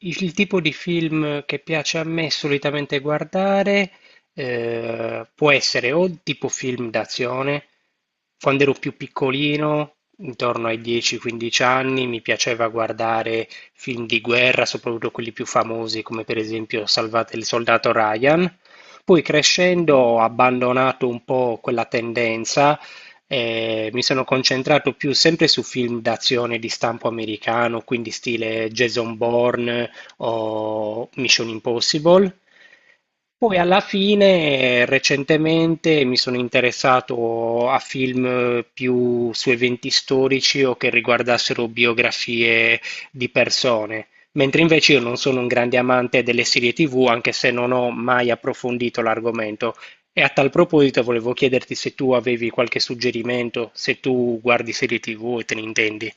Il tipo di film che piace a me solitamente guardare può essere o tipo film d'azione, quando ero più piccolino, intorno ai 10-15 anni, mi piaceva guardare film di guerra, soprattutto quelli più famosi, come per esempio Salvate il soldato Ryan. Poi crescendo ho abbandonato un po' quella tendenza e mi sono concentrato più sempre su film d'azione di stampo americano, quindi stile Jason Bourne o Mission Impossible. Poi alla fine, recentemente, mi sono interessato a film più su eventi storici o che riguardassero biografie di persone. Mentre invece io non sono un grande amante delle serie TV, anche se non ho mai approfondito l'argomento. E a tal proposito volevo chiederti se tu avevi qualche suggerimento, se tu guardi serie TV e te ne intendi.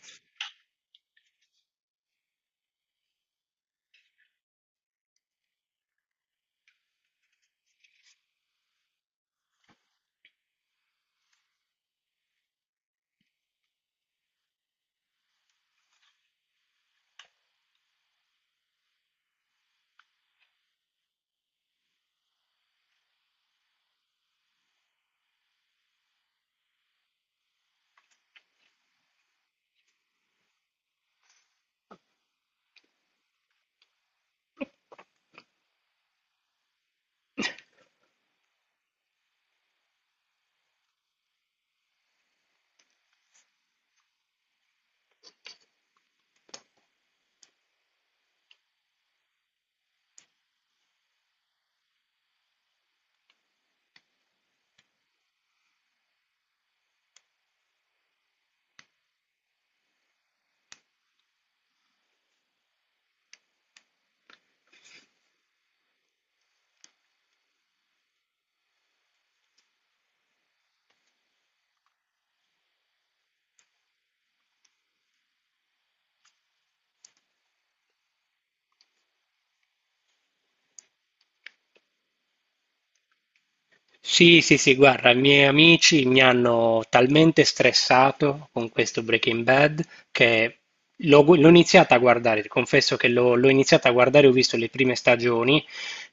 Sì, sì, sì, guarda, i miei amici mi hanno talmente stressato con questo Breaking Bad che l'ho iniziata a guardare, confesso che l'ho iniziata a guardare, ho visto le prime stagioni.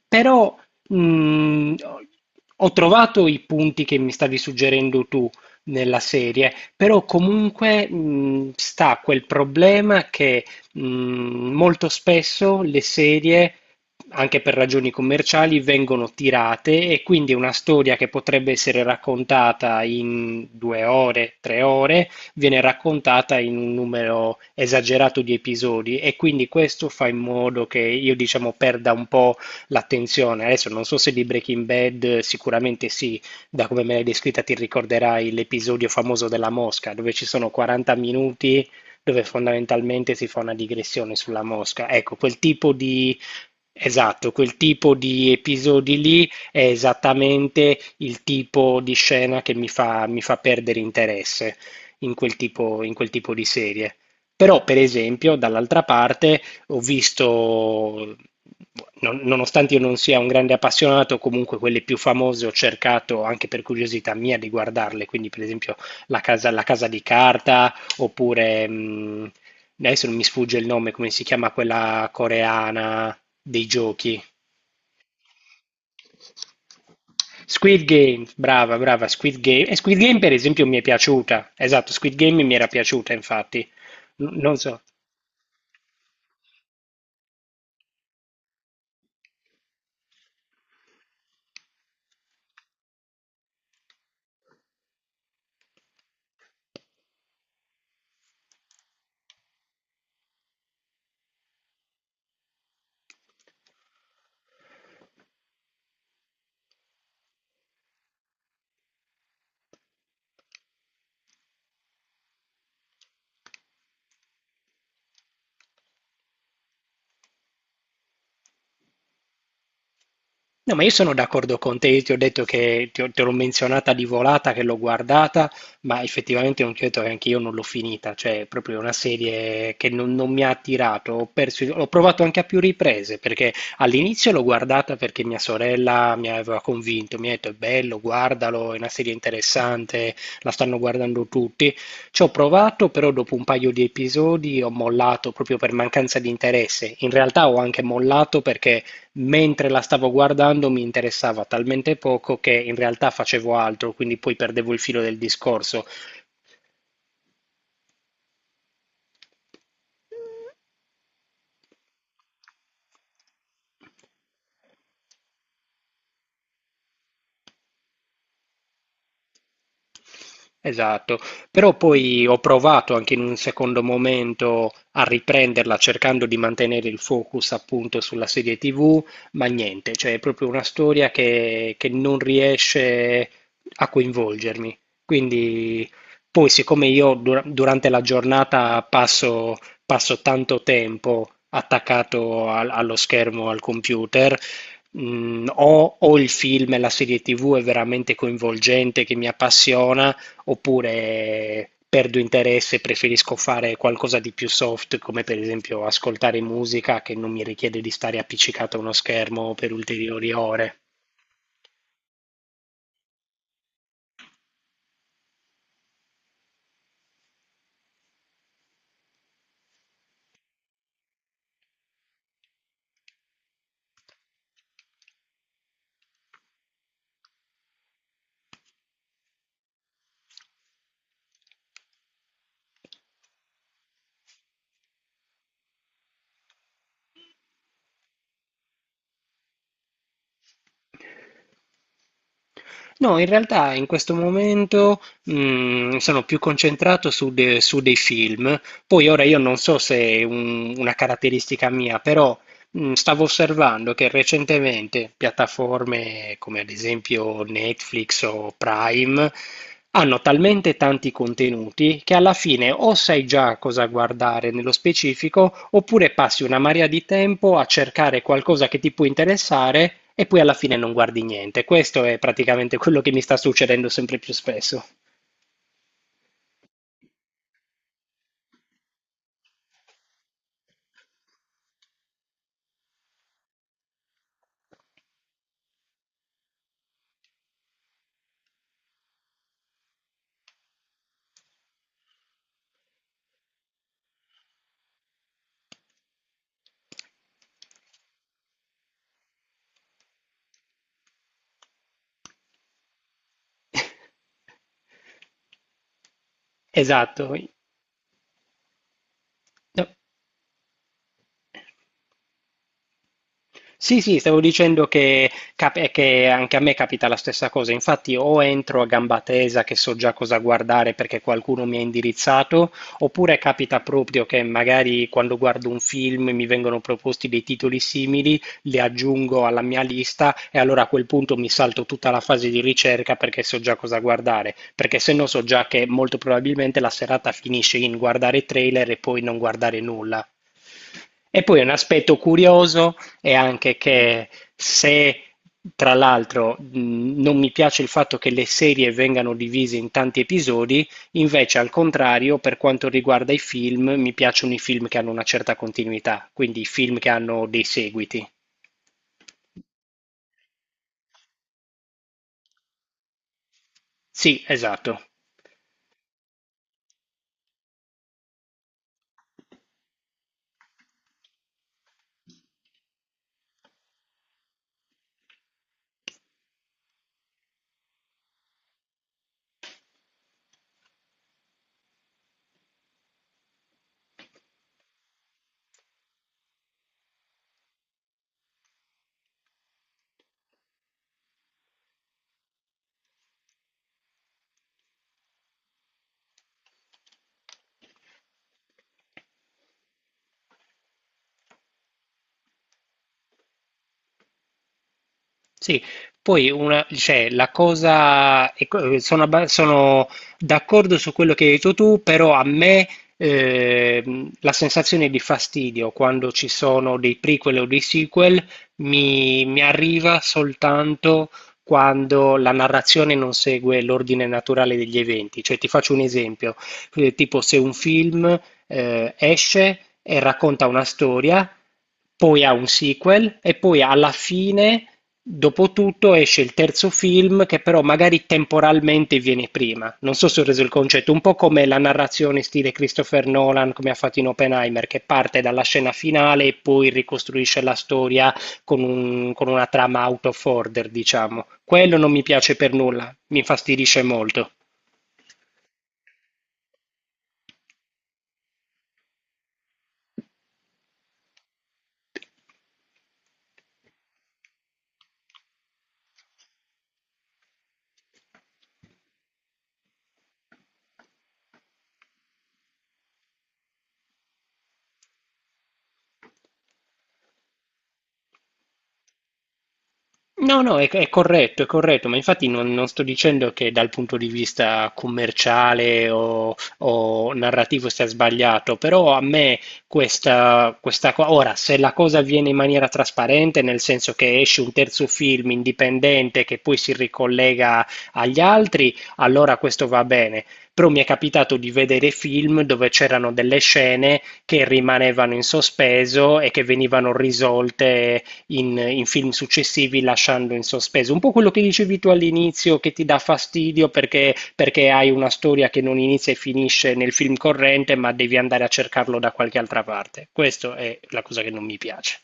Però, ho ho trovato i punti che mi stavi suggerendo tu nella serie, però comunque, sta quel problema che, molto spesso le serie, anche per ragioni commerciali, vengono tirate e quindi una storia che potrebbe essere raccontata in 2 ore, 3 ore, viene raccontata in un numero esagerato di episodi e quindi questo fa in modo che io, diciamo, perda un po' l'attenzione. Adesso non so se di Breaking Bad, sicuramente sì, da come me l'hai descritta ti ricorderai l'episodio famoso della mosca, dove ci sono 40 minuti dove fondamentalmente si fa una digressione sulla mosca. Ecco, quel tipo di... Esatto, quel tipo di episodi lì è esattamente il tipo di scena che mi fa perdere interesse in quel tipo di serie. Però, per esempio, dall'altra parte, ho visto, nonostante io non sia un grande appassionato, comunque quelle più famose ho cercato anche per curiosità mia di guardarle, quindi per esempio La casa di carta, oppure adesso non mi sfugge il nome, come si chiama quella coreana dei giochi? Squid Game, brava, brava, Squid Game. E Squid Game per esempio mi è piaciuta, esatto, Squid Game mi era piaciuta infatti. Non so. No, ma io sono d'accordo con te, io ti ho detto che te l'ho menzionata di volata, che l'ho guardata, ma effettivamente non ti ho detto che anche io non l'ho finita, cioè è proprio una serie che non mi ha attirato, ho perso, l'ho provato anche a più riprese, perché all'inizio l'ho guardata perché mia sorella mi aveva convinto, mi ha detto è bello, guardalo, è una serie interessante, la stanno guardando tutti, ci ho provato, però dopo un paio di episodi ho mollato proprio per mancanza di interesse, in realtà ho anche mollato perché mentre la stavo guardando mi interessava talmente poco che in realtà facevo altro, quindi poi perdevo il filo del discorso. Esatto, però poi ho provato anche in un secondo momento a riprenderla cercando di mantenere il focus appunto sulla serie TV, ma niente, cioè è proprio una storia che non riesce a coinvolgermi. Quindi poi siccome io durante la giornata passo, passo tanto tempo attaccato allo schermo, al computer, o il film e la serie TV è veramente coinvolgente, che mi appassiona, oppure perdo interesse e preferisco fare qualcosa di più soft, come per esempio ascoltare musica che non mi richiede di stare appiccicato a uno schermo per ulteriori ore. No, in realtà in questo momento sono più concentrato su, su dei film. Poi ora io non so se è una caratteristica mia, però stavo osservando che recentemente piattaforme come ad esempio Netflix o Prime hanno talmente tanti contenuti che alla fine o sai già cosa guardare nello specifico oppure passi una marea di tempo a cercare qualcosa che ti può interessare e poi alla fine non guardi niente. Questo è praticamente quello che mi sta succedendo sempre più spesso. Esatto. No. Sì, sì, stavo dicendo che, che anche a me capita la stessa cosa. Infatti, o entro a gamba tesa che so già cosa guardare perché qualcuno mi ha indirizzato, oppure capita proprio che magari quando guardo un film mi vengono proposti dei titoli simili, li aggiungo alla mia lista e allora a quel punto mi salto tutta la fase di ricerca perché so già cosa guardare. Perché se no so già che molto probabilmente la serata finisce in guardare trailer e poi non guardare nulla. E poi un aspetto curioso e anche che se tra l'altro non mi piace il fatto che le serie vengano divise in tanti episodi, invece al contrario, per quanto riguarda i film, mi piacciono i film che hanno una certa continuità, quindi i film che hanno dei seguiti. Sì, esatto. Sì, poi una, cioè, la cosa, ecco, sono, sono d'accordo su quello che hai detto tu, però a me la sensazione di fastidio quando ci sono dei prequel o dei sequel mi arriva soltanto quando la narrazione non segue l'ordine naturale degli eventi. Cioè, ti faccio un esempio, tipo se un film esce e racconta una storia, poi ha un sequel e poi alla fine, dopo tutto, esce il terzo film che però magari temporalmente viene prima. Non so se ho reso il concetto, un po' come la narrazione stile Christopher Nolan, come ha fatto in Oppenheimer, che parte dalla scena finale e poi ricostruisce la storia con con una trama out of order, diciamo. Quello non mi piace per nulla, mi infastidisce molto. No, no, è corretto, ma infatti non, non sto dicendo che dal punto di vista commerciale o narrativo sia sbagliato, però a me questa, questa cosa, ora, se la cosa avviene in maniera trasparente, nel senso che esce un terzo film indipendente che poi si ricollega agli altri, allora questo va bene. Però mi è capitato di vedere film dove c'erano delle scene che rimanevano in sospeso e che venivano risolte in, in film successivi lasciando in sospeso. Un po' quello che dicevi tu all'inizio che ti dà fastidio perché, perché hai una storia che non inizia e finisce nel film corrente, ma devi andare a cercarlo da qualche altra parte. Questa è la cosa che non mi piace.